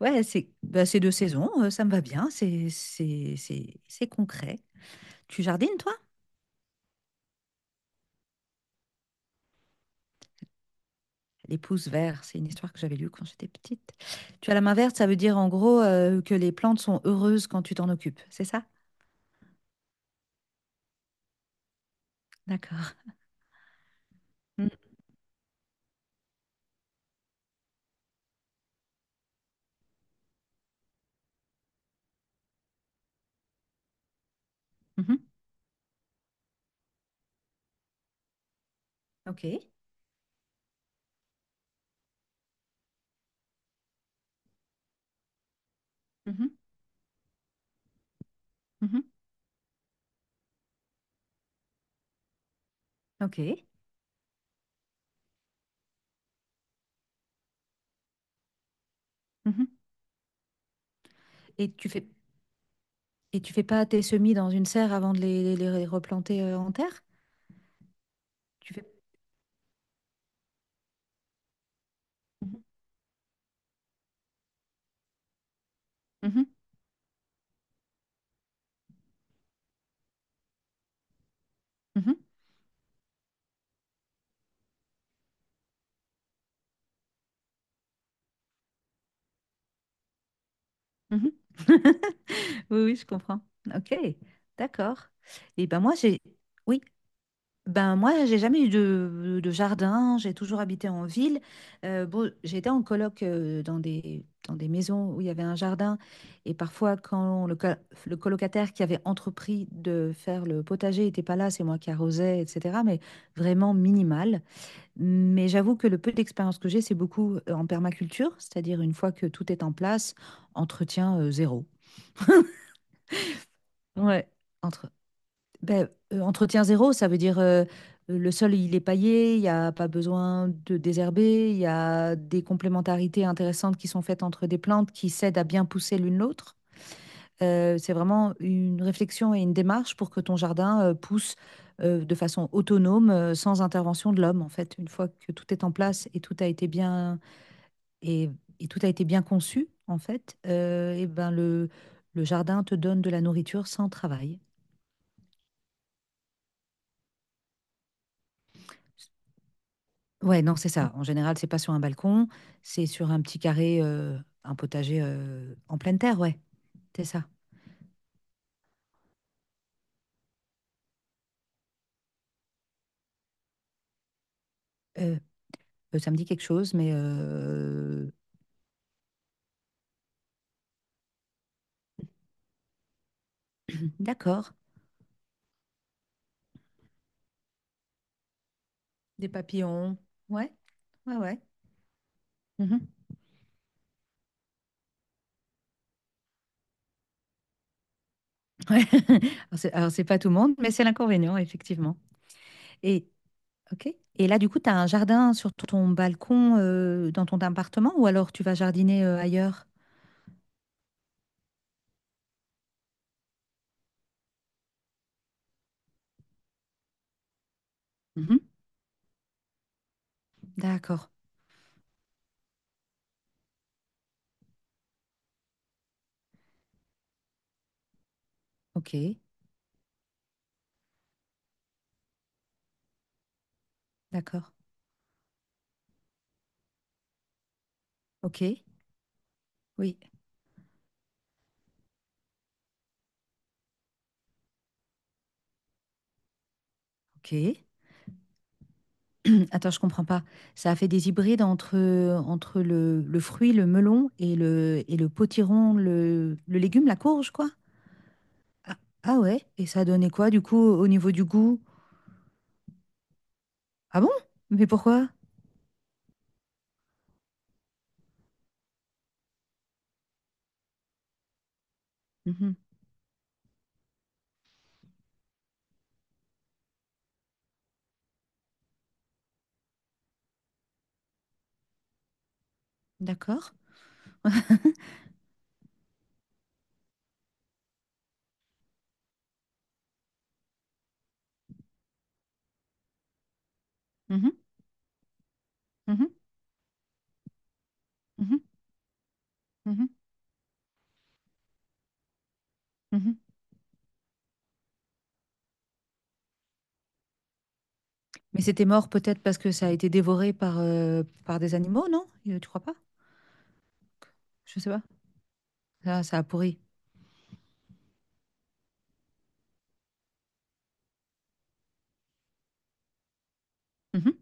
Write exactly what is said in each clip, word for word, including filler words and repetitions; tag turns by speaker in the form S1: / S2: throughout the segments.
S1: Ouais, c'est bah, c'est deux saisons, euh, ça me va bien, c'est c'est c'est- c'est concret. Tu jardines, toi? Les pousses vertes, c'est une histoire que j'avais lue quand j'étais petite. Tu as la main verte, ça veut dire en gros euh, que les plantes sont heureuses quand tu t'en occupes, c'est ça? D'accord. Mm. Mhm. Ok. Mhm. Mhm. Ok. Mhm. Et tu fais et tu fais pas tes semis dans une serre avant de les, les- les replanter euh, en terre? Tu fais. Mhm. Mhm. Mhm. Mhm. Oui, oui, je comprends. Ok, d'accord. Et ben moi, j'ai, oui, ben moi, j'ai jamais eu de, de jardin. J'ai toujours habité en ville. Euh, bon, j'étais en coloc euh, dans des dans des maisons où il y avait un jardin. Et parfois, quand le, co- le colocataire qui avait entrepris de faire le potager n'était pas là, c'est moi qui arrosais, et cetera. Mais vraiment minimal. Mais j'avoue que le peu d'expérience que j'ai, c'est beaucoup euh, en permaculture, c'est-à-dire une fois que tout est en place, entretien euh, zéro. Ouais. Entre Ben, euh, entretien zéro, ça veut dire euh, le sol, il est paillé, il n'y a pas besoin de désherber, il y a des complémentarités intéressantes qui sont faites entre des plantes qui s'aident à bien pousser l'une l'autre. Euh, c'est vraiment une réflexion et une démarche pour que ton jardin euh, pousse euh, de façon autonome, euh, sans intervention de l'homme, en fait. Une fois que tout est en place et tout a été bien, et, et tout a été bien conçu, en fait, euh, eh ben le, le jardin te donne de la nourriture sans travail. Ouais, non, c'est ça. En général, c'est pas sur un balcon, c'est sur un petit carré, euh, un potager euh, en pleine terre, ouais, c'est ça. Euh, euh, Ça me dit quelque chose, mais euh, d'accord. Des papillons, ouais, ouais, ouais. Mhm. Ouais. Alors, c'est alors, c'est pas tout le monde, mais c'est l'inconvénient, effectivement. Et, ok. Et là, du coup, tu as un jardin sur ton balcon euh, dans ton appartement ou alors tu vas jardiner euh, ailleurs? Mhm. D'accord, ok, d'accord, ok, oui, ok. Attends, je comprends pas. Ça a fait des hybrides entre, entre le, le fruit, le melon et le, et le potiron, le, le légume, la courge, quoi? Ah, ah ouais? Et ça a donné quoi, du coup, au niveau du goût? Ah bon? Mais pourquoi? Mhm. D'accord. Mhm, mhm, mhm, mhm, mhm. Mais c'était mort peut-être parce que ça a été dévoré par, euh, par des animaux, non? Euh, Tu crois pas? Je sais pas. Ça, ça a pourri. Mhm,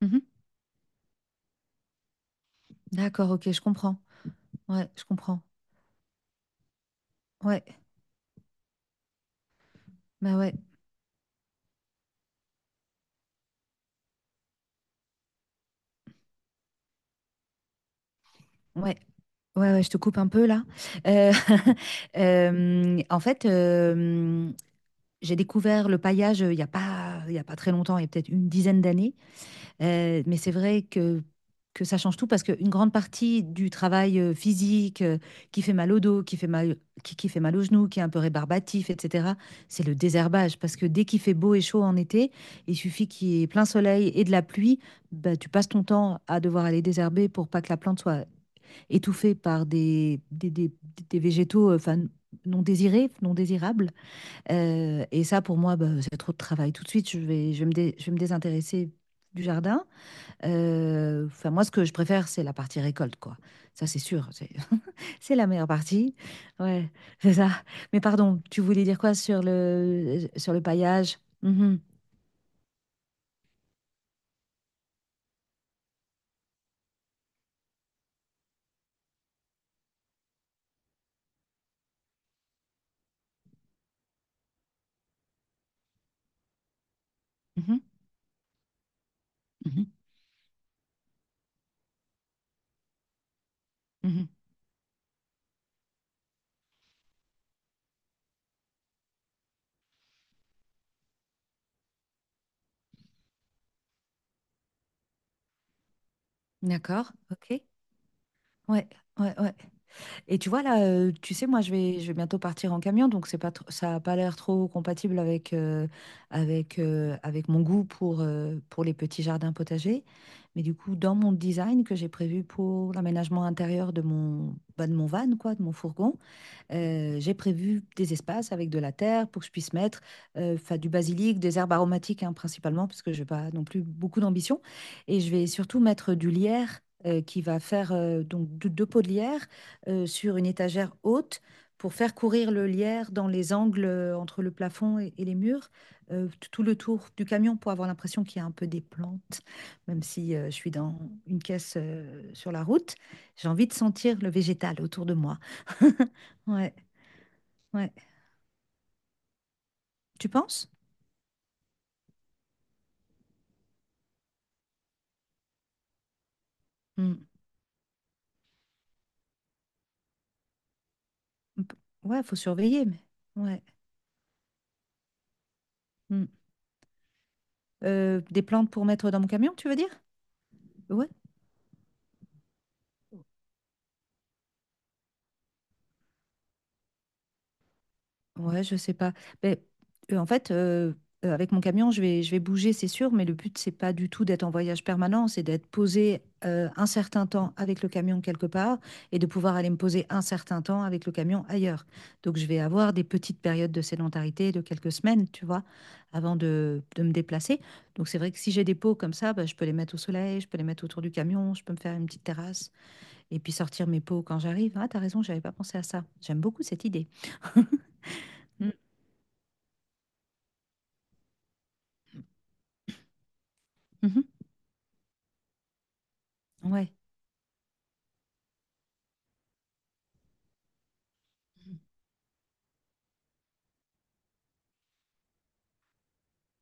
S1: mhm. D'accord, ok, je comprends. Ouais, je comprends. Ouais, bah ouais, ouais. Ouais, ouais, je te coupe un peu là. Euh, euh, en fait, euh, j'ai découvert le paillage euh, il n'y a pas, il y a pas très longtemps, il y a peut-être une dizaine d'années. Euh, mais c'est vrai que, que ça change tout parce qu'une grande partie du travail euh, physique euh, qui fait mal au dos, qui fait mal, qui, qui fait mal aux genoux, qui est un peu rébarbatif, et cetera, c'est le désherbage. Parce que dès qu'il fait beau et chaud en été, il suffit qu'il y ait plein soleil et de la pluie, bah, tu passes ton temps à devoir aller désherber pour pas que la plante soit étouffés par des, des, des- des végétaux euh, enfin, non désirés, non désirables. Euh, et ça, pour moi, bah, c'est trop de travail. Tout de suite, je vais, je vais me dé- je vais me désintéresser du jardin. Euh, Enfin, moi, ce que je préfère, c'est la partie récolte, quoi. Ça, c'est sûr. C'est c'est la meilleure partie. Ouais, c'est ça. Mais pardon, tu voulais dire quoi sur le, sur le paillage? Mhm, mhm, mhm, mhm. D'accord, ok. Ouais, ouais, ouais. Et tu vois, là, euh, tu sais, moi, je vais, je vais bientôt partir en camion, donc c'est pas tr- ça n'a pas l'air trop compatible avec, euh, avec, euh, avec mon goût pour, euh, pour les petits jardins potagers. Mais du coup, dans mon design que j'ai prévu pour l'aménagement intérieur de mon, bah, de mon van, quoi, de mon fourgon, euh, j'ai prévu des espaces avec de la terre pour que je puisse mettre euh, 'fin, du basilic, des herbes aromatiques hein, principalement, parce que je n'ai pas non plus beaucoup d'ambition. Et je vais surtout mettre du lierre euh, qui va faire euh, donc deux, deux pots de lierre euh, sur une étagère haute pour faire courir le lierre dans les angles euh, entre le plafond et, et les murs, euh, t- tout le tour du camion pour avoir l'impression qu'il y a un peu des plantes, même si euh, je suis dans une caisse euh, sur la route. J'ai envie de sentir le végétal autour de moi. Ouais. Ouais. Tu penses? Hmm. On peut- Ouais, faut surveiller, mais ouais. Hmm. Euh, des plantes pour mettre dans mon camion, tu veux dire? Ouais. Ouais, je sais pas. Ben, euh, en fait, euh, euh, avec mon camion, je vais, je vais bouger, c'est sûr, mais le but, c'est pas du tout d'être en voyage permanent, c'est d'être posé euh, un certain temps avec le camion quelque part et de pouvoir aller me poser un certain temps avec le camion ailleurs. Donc, je vais avoir des petites périodes de sédentarité de quelques semaines, tu vois, avant de, de me déplacer. Donc, c'est vrai que si j'ai des pots comme ça, ben, je peux les mettre au soleil, je peux les mettre autour du camion, je peux me faire une petite terrasse et puis sortir mes pots quand j'arrive. Ah, t'as raison, j'avais pas pensé à ça. J'aime beaucoup cette idée. Mhm. Ouais.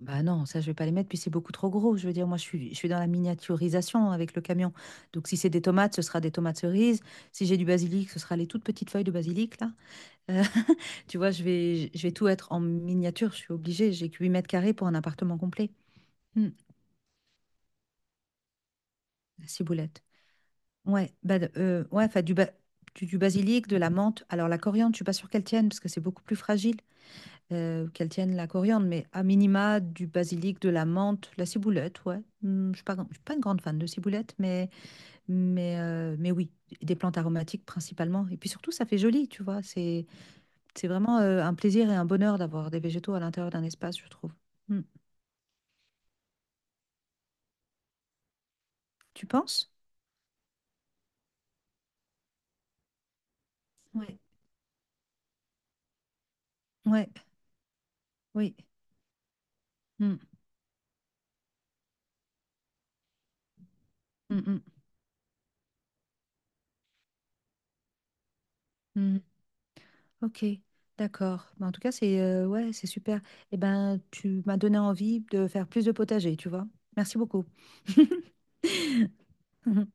S1: Bah non, ça je vais pas les mettre, puis c'est beaucoup trop gros. Je veux dire, moi je suis, je suis dans la miniaturisation avec le camion. Donc si c'est des tomates, ce sera des tomates cerises. Si j'ai du basilic, ce sera les toutes petites feuilles de basilic là. Euh, Tu vois, je vais, je vais tout être en miniature. Je suis obligée. J'ai que huit mètres carrés pour un appartement complet. Hmm, la ciboulette. Ouais, bah de- euh, ouais, enfin du, ba- du, du basilic, de la menthe. Alors la coriandre, je suis pas sûre qu'elle tienne parce que c'est beaucoup plus fragile. Euh, qu'elles tiennent la coriandre, mais à minima du basilic, de la menthe, la ciboulette, ouais. Hmm, Je ne suis pas, je suis pas une grande fan de ciboulette, mais, mais, euh, mais oui, des plantes aromatiques principalement. Et puis surtout, ça fait joli, tu vois. C'est, c'est vraiment euh, un plaisir et un bonheur d'avoir des végétaux à l'intérieur d'un espace, je trouve. Hmm. Tu penses? Ouais. Ouais, oui. Hmm, hmm, hmm, hmm. Ok, d'accord. Bah, en tout cas, c'est euh, ouais, c'est super. Eh ben, tu m'as donné envie de faire plus de potager, tu vois. Merci beaucoup. Mmh